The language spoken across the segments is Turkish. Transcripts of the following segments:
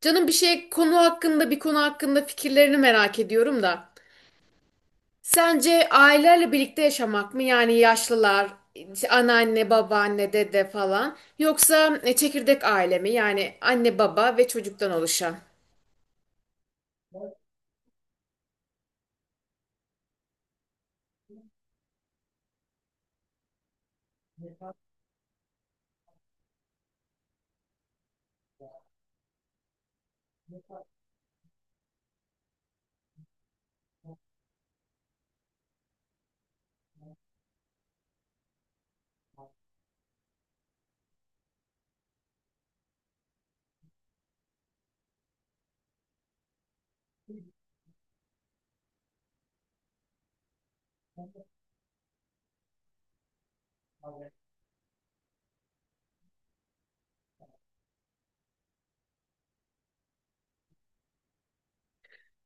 Canım bir konu hakkında fikirlerini merak ediyorum da. Sence ailelerle birlikte yaşamak mı? Yani yaşlılar, işte anneanne, babaanne, dede falan. Yoksa çekirdek aile mi? Yani anne, baba ve çocuktan oluşan.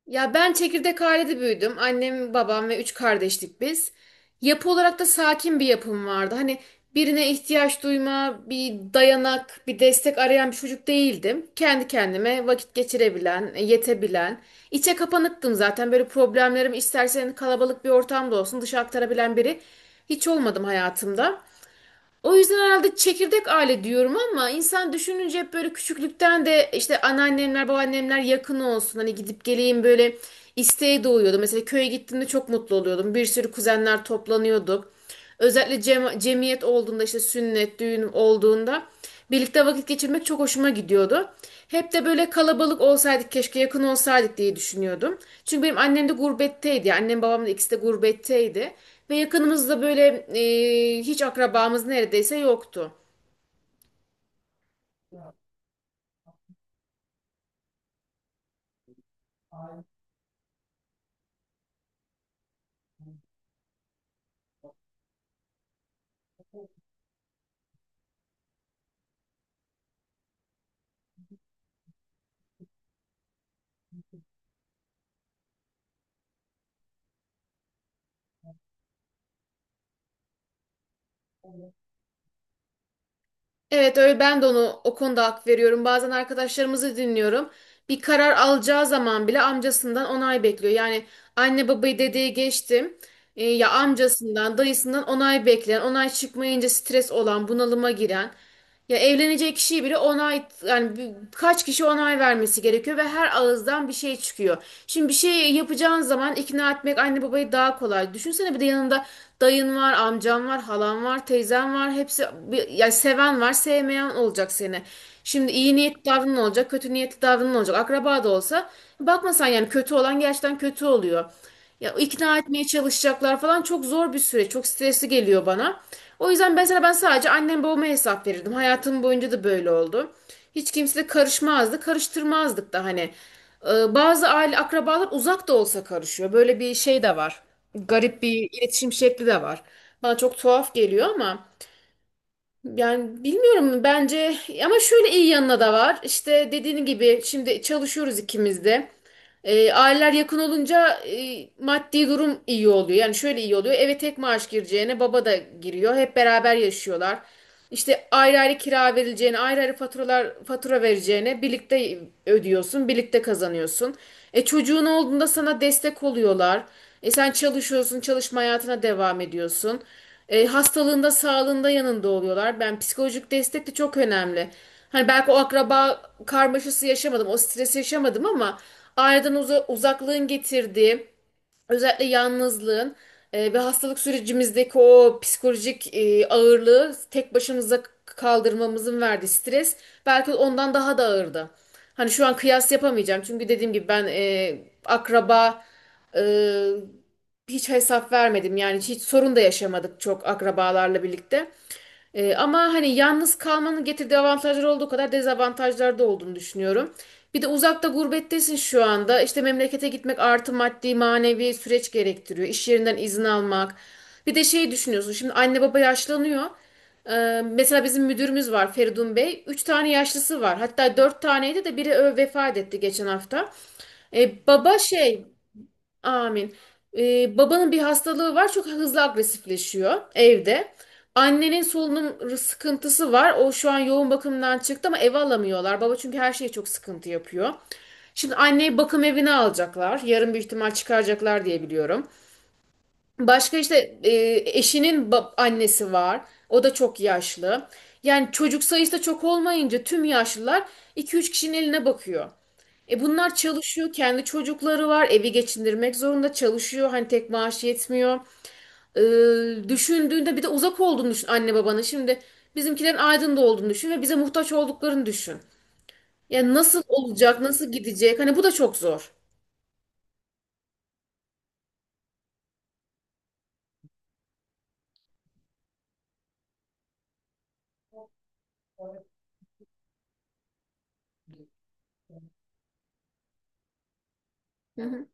Ya ben çekirdek ailede büyüdüm. Annem, babam ve üç kardeştik biz. Yapı olarak da sakin bir yapım vardı. Hani birine ihtiyaç duyma, bir dayanak, bir destek arayan bir çocuk değildim. Kendi kendime vakit geçirebilen, yetebilen. İçe kapanıktım zaten. Böyle problemlerim istersen kalabalık bir ortamda olsun dışa aktarabilen biri hiç olmadım hayatımda. O yüzden herhalde çekirdek aile diyorum ama insan düşününce hep böyle küçüklükten de işte anneannemler, babaannemler yakın olsun. Hani gidip geleyim böyle isteği doğuyordu. Mesela köye gittiğimde çok mutlu oluyordum. Bir sürü kuzenler toplanıyorduk. Özellikle cemiyet olduğunda işte sünnet, düğün olduğunda birlikte vakit geçirmek çok hoşuma gidiyordu. Hep de böyle kalabalık olsaydık keşke yakın olsaydık diye düşünüyordum. Çünkü benim annem de gurbetteydi. Yani annem babam da ikisi de gurbetteydi. Ve yakınımızda böyle hiç akrabamız neredeyse yoktu. Evet öyle ben de onu o konuda hak veriyorum. Bazen arkadaşlarımızı dinliyorum. Bir karar alacağı zaman bile amcasından onay bekliyor. Yani anne babayı dedeye geçtim. Ya amcasından, dayısından onay bekleyen, onay çıkmayınca stres olan, bunalıma giren. Ya evleneceği kişiyi bile onay yani kaç kişi onay vermesi gerekiyor ve her ağızdan bir şey çıkıyor. Şimdi bir şey yapacağın zaman ikna etmek anne babayı daha kolay. Düşünsene bir de yanında dayın var, amcan var, halan var, teyzen var. Hepsi yani seven var, sevmeyen olacak seni. Şimdi iyi niyetli davranan olacak, kötü niyetli davranan olacak. Akraba da olsa bakmasan yani kötü olan gerçekten kötü oluyor. Ya ikna etmeye çalışacaklar falan çok zor bir süreç. Çok stresli geliyor bana. O yüzden mesela ben sadece annem babama hesap verirdim. Hayatım boyunca da böyle oldu. Hiç kimse de karışmazdı, karıştırmazdık da hani. Bazı aile akrabalar uzak da olsa karışıyor. Böyle bir şey de var. Garip bir iletişim şekli de var. Bana çok tuhaf geliyor ama yani bilmiyorum bence ama şöyle iyi yanına da var. İşte dediğin gibi şimdi çalışıyoruz ikimiz de. Aileler yakın olunca maddi durum iyi oluyor. Yani şöyle iyi oluyor. Eve tek maaş gireceğine baba da giriyor. Hep beraber yaşıyorlar. İşte ayrı ayrı kira verileceğine, ayrı ayrı fatura vereceğine birlikte ödüyorsun, birlikte kazanıyorsun. Çocuğun olduğunda sana destek oluyorlar. Sen çalışıyorsun, çalışma hayatına devam ediyorsun. Hastalığında, sağlığında yanında oluyorlar. Ben psikolojik destek de çok önemli. Hani belki o akraba karmaşası yaşamadım, o stresi yaşamadım ama aileden uzaklığın getirdiği, özellikle yalnızlığın ve hastalık sürecimizdeki o psikolojik ağırlığı tek başımıza kaldırmamızın verdiği stres belki ondan daha da ağırdı. Hani şu an kıyas yapamayacağım çünkü dediğim gibi ben akraba e, hiç hesap vermedim yani hiç sorun da yaşamadık çok akrabalarla birlikte. Ama hani yalnız kalmanın getirdiği avantajlar olduğu kadar dezavantajlar da olduğunu düşünüyorum. Bir de uzakta gurbettesin şu anda. İşte memlekete gitmek artı maddi manevi süreç gerektiriyor. İş yerinden izin almak. Bir de şeyi düşünüyorsun. Şimdi anne baba yaşlanıyor. Mesela bizim müdürümüz var Feridun Bey. Üç tane yaşlısı var. Hatta dört taneydi de biri vefat etti geçen hafta. Baba şey Amin. Babanın bir hastalığı var. Çok hızlı agresifleşiyor evde. Annenin solunum sıkıntısı var. O şu an yoğun bakımdan çıktı ama eve alamıyorlar. Baba çünkü her şeye çok sıkıntı yapıyor. Şimdi anneyi bakım evine alacaklar. Yarın büyük ihtimal çıkaracaklar diye biliyorum. Başka işte eşinin annesi var. O da çok yaşlı. Yani çocuk sayısı da çok olmayınca tüm yaşlılar iki üç kişinin eline bakıyor. Bunlar çalışıyor, kendi çocukları var, evi geçindirmek zorunda çalışıyor. Hani tek maaş yetmiyor. Düşündüğünde bir de uzak olduğunu düşün anne babanın. Şimdi bizimkilerin Aydın'da olduğunu düşün ve bize muhtaç olduklarını düşün. Yani nasıl olacak, nasıl gidecek? Hani bu da çok zor. Hı hı.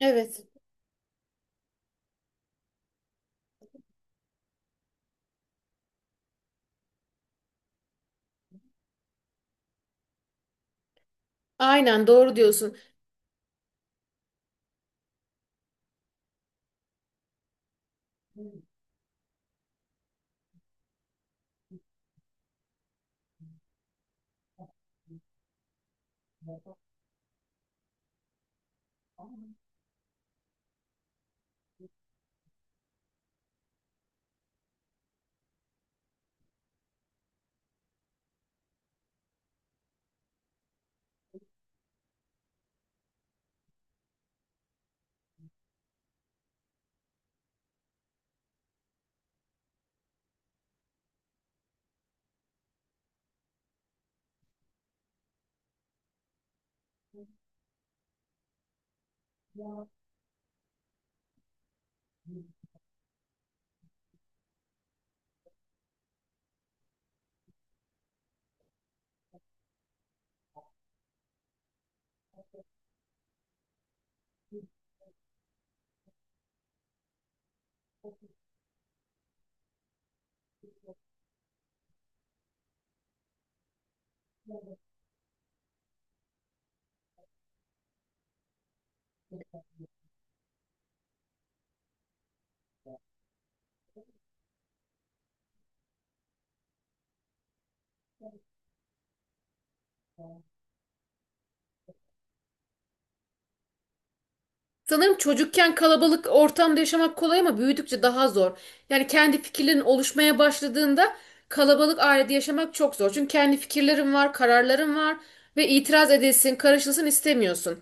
Evet. Aynen doğru diyorsun. Sanırım çocukken kalabalık ortamda yaşamak kolay ama büyüdükçe daha zor. Yani kendi fikirlerin oluşmaya başladığında kalabalık ailede yaşamak çok zor. Çünkü kendi fikirlerin var, kararların var ve itiraz edilsin, karışılsın istemiyorsun.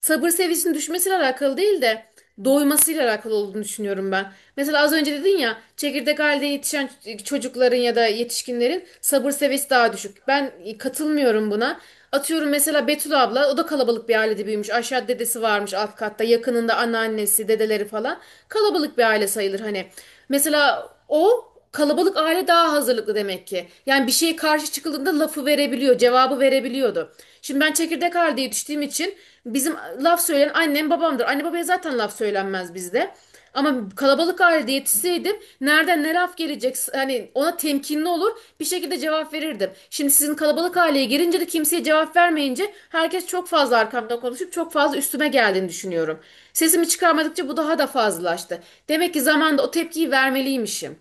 Sabır seviyesinin düşmesiyle alakalı değil de doymasıyla alakalı olduğunu düşünüyorum ben. Mesela az önce dedin ya çekirdek halde yetişen çocukların ya da yetişkinlerin sabır seviyesi daha düşük. Ben katılmıyorum buna. Atıyorum mesela Betül abla o da kalabalık bir ailede büyümüş. Aşağı dedesi varmış alt katta yakınında anneannesi dedeleri falan. Kalabalık bir aile sayılır hani. Mesela o kalabalık aile daha hazırlıklı demek ki. Yani bir şeye karşı çıkıldığında lafı verebiliyor, cevabı verebiliyordu. Şimdi ben çekirdek aileye düştüğüm için bizim laf söyleyen annem babamdır. Anne babaya zaten laf söylenmez bizde. Ama kalabalık ailede yetişseydim nereden ne laf gelecek hani ona temkinli olur bir şekilde cevap verirdim. Şimdi sizin kalabalık aileye girince de kimseye cevap vermeyince herkes çok fazla arkamda konuşup çok fazla üstüme geldiğini düşünüyorum. Sesimi çıkarmadıkça bu daha da fazlalaştı. Demek ki zamanda o tepkiyi vermeliymişim.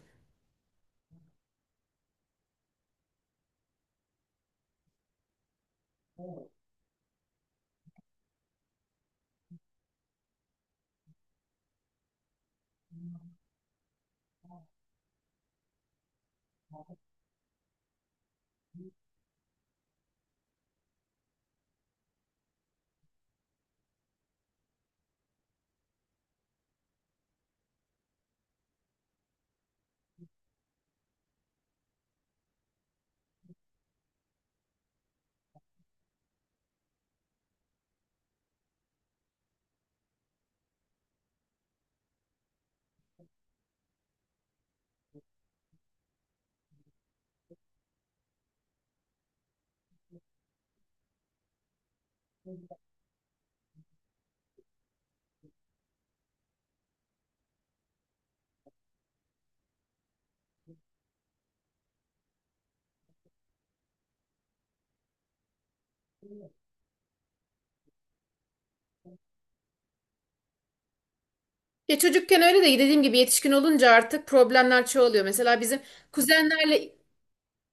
Ya çocukken öyle de dediğim gibi yetişkin olunca artık problemler çoğalıyor. Mesela bizim kuzenlerle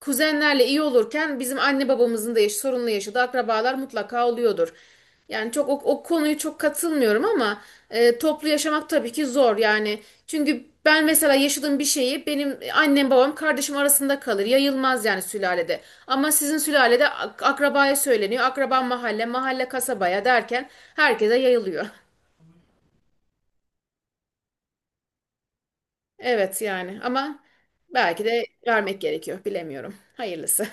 kuzenlerle iyi olurken bizim anne babamızın da yaş sorunlu yaşadığı akrabalar mutlaka oluyordur. Yani çok o konuyu çok katılmıyorum ama toplu yaşamak tabii ki zor yani. Çünkü ben mesela yaşadığım bir şeyi benim annem babam kardeşim arasında kalır. Yayılmaz yani sülalede. Ama sizin sülalede akrabaya söyleniyor. Akraba mahalle, mahalle kasabaya derken herkese yayılıyor. Evet yani ama belki de vermek gerekiyor. Bilemiyorum. Hayırlısı.